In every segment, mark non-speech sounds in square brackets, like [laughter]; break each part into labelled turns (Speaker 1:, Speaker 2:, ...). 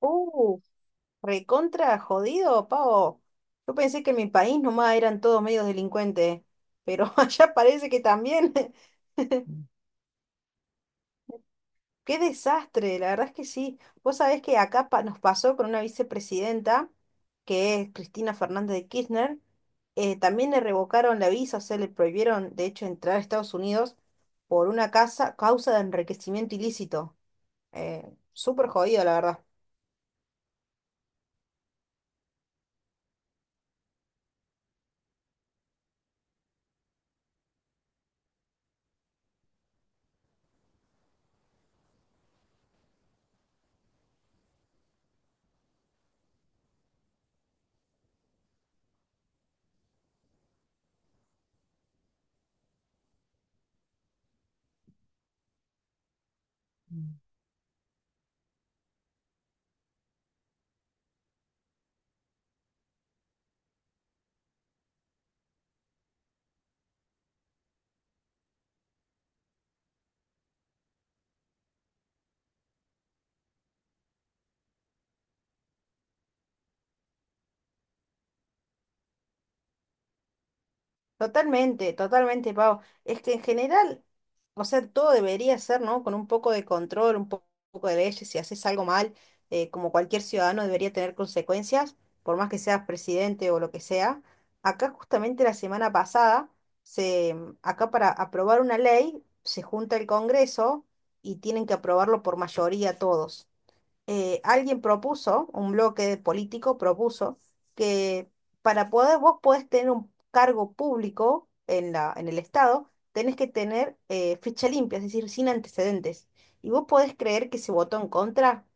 Speaker 1: Uh, Recontra jodido, Pavo. Yo pensé que en mi país nomás eran todos medios delincuentes, pero [laughs] allá parece que también. [laughs] Qué desastre, la verdad es que sí. Vos sabés que acá nos pasó con una vicepresidenta, que es Cristina Fernández de Kirchner, también le revocaron la visa, o sea, le prohibieron, de hecho, entrar a Estados Unidos por una causa de enriquecimiento ilícito. Eh, súper jodido, la verdad. Totalmente, totalmente, Pau. Es que en general, o sea, todo debería ser, ¿no? Con un poco de control, poco de leyes. Si haces algo mal, como cualquier ciudadano debería tener consecuencias, por más que seas presidente o lo que sea. Acá justamente la semana pasada, acá para aprobar una ley, se junta el Congreso y tienen que aprobarlo por mayoría todos, alguien propuso, un bloque político propuso, que para poder vos podés tener un cargo público en en el Estado, tenés que tener ficha limpia, es decir, sin antecedentes. Y vos podés creer que se votó en contra.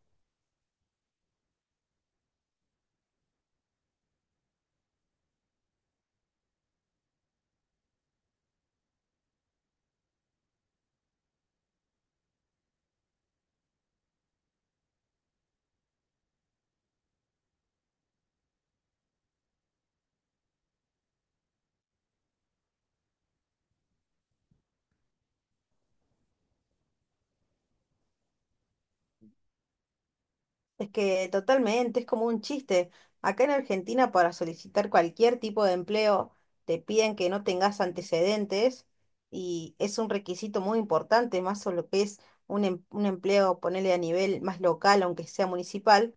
Speaker 1: Es que totalmente, es como un chiste. Acá en Argentina para solicitar cualquier tipo de empleo te piden que no tengas antecedentes y es un requisito muy importante, más sobre lo que es un empleo, ponerle a nivel más local, aunque sea municipal,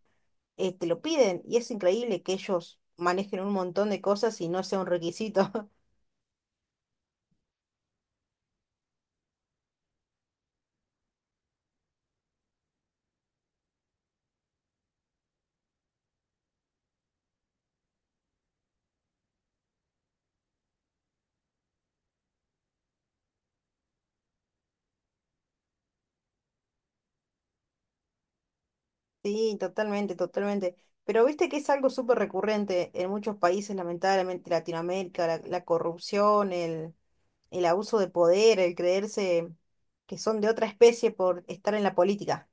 Speaker 1: te lo piden y es increíble que ellos manejen un montón de cosas y no sea un requisito. [laughs] Sí, totalmente, totalmente. Pero viste que es algo súper recurrente en muchos países, lamentablemente Latinoamérica, la corrupción, el abuso de poder, el creerse que son de otra especie por estar en la política.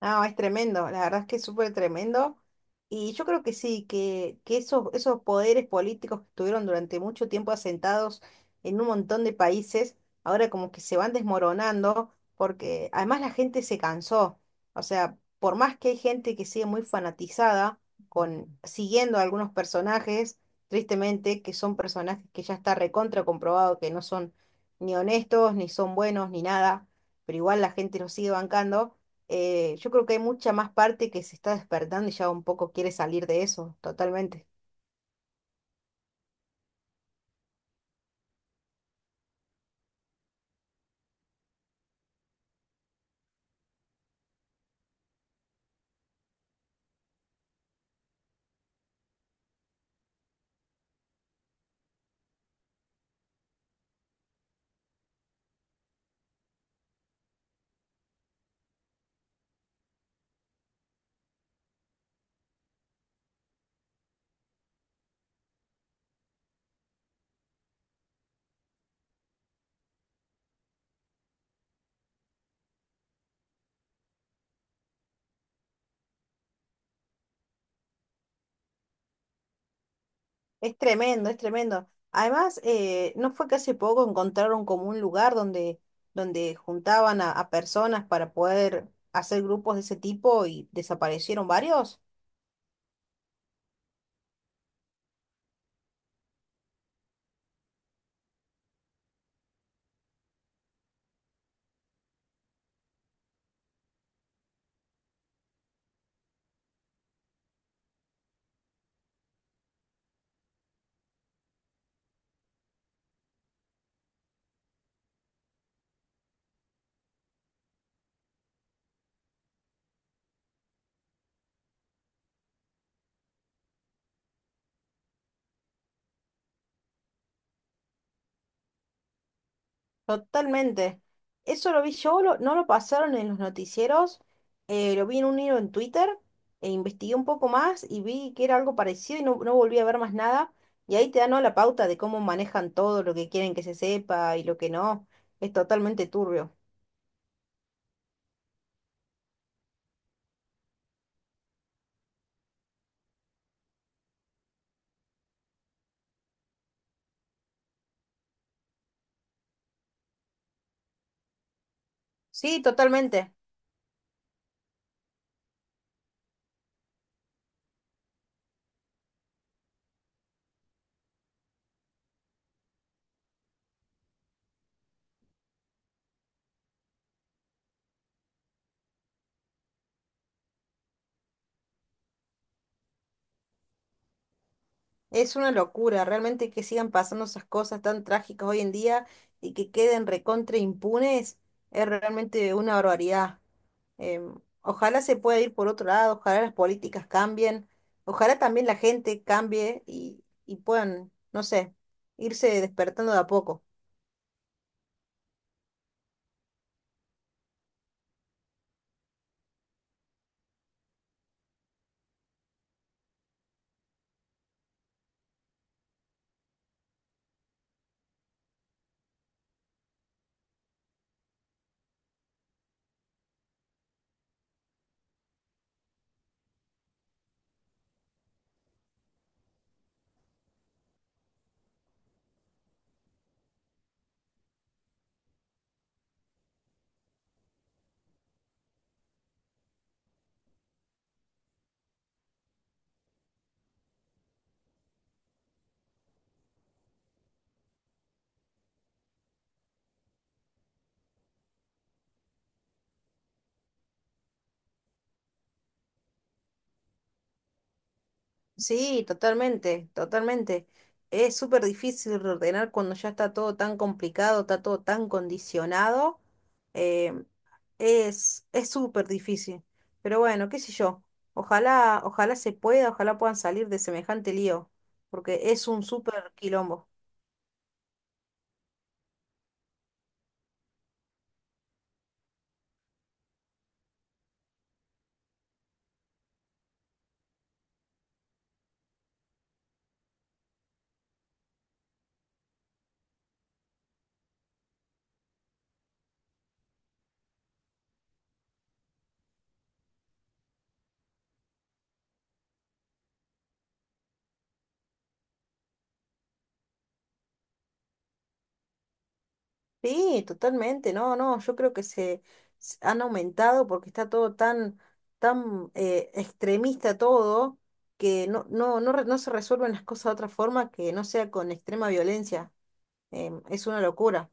Speaker 1: No, es tremendo, la verdad es que es súper tremendo. Y yo creo que sí, que esos, esos poderes políticos que estuvieron durante mucho tiempo asentados en un montón de países, ahora como que se van desmoronando, porque además la gente se cansó. O sea, por más que hay gente que sigue muy fanatizada con siguiendo a algunos personajes, tristemente, que son personajes que ya está recontra comprobado que no son ni honestos, ni son buenos, ni nada, pero igual la gente los sigue bancando, yo creo que hay mucha más parte que se está despertando y ya un poco quiere salir de eso, totalmente. Es tremendo, es tremendo. Además, ¿no fue que hace poco encontraron como un lugar donde, donde juntaban a personas para poder hacer grupos de ese tipo y desaparecieron varios? Totalmente. Eso lo vi yo, no lo pasaron en los noticieros, lo vi en un hilo en Twitter, e investigué un poco más y vi que era algo parecido y no, no volví a ver más nada. Y ahí te dan, ¿no? La pauta de cómo manejan todo, lo que quieren que se sepa y lo que no. Es totalmente turbio. Sí, totalmente. Es una locura, realmente que sigan pasando esas cosas tan trágicas hoy en día y que queden recontra impunes, es realmente una barbaridad. Em, ojalá se pueda ir por otro lado, ojalá las políticas cambien, ojalá también la gente cambie y puedan, no sé, irse despertando de a poco. Sí, totalmente, totalmente. Es súper difícil reordenar cuando ya está todo tan complicado, está todo tan condicionado. Em, es súper difícil. Pero bueno, qué sé yo. Ojalá, ojalá se pueda, ojalá puedan salir de semejante lío, porque es un súper quilombo. Sí, totalmente. No, no, yo creo que se han aumentado porque está todo tan, tan extremista todo, que no, no, no, no se resuelven las cosas de otra forma que no sea con extrema violencia. Es una locura.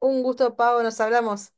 Speaker 1: Un gusto, Pau, nos hablamos.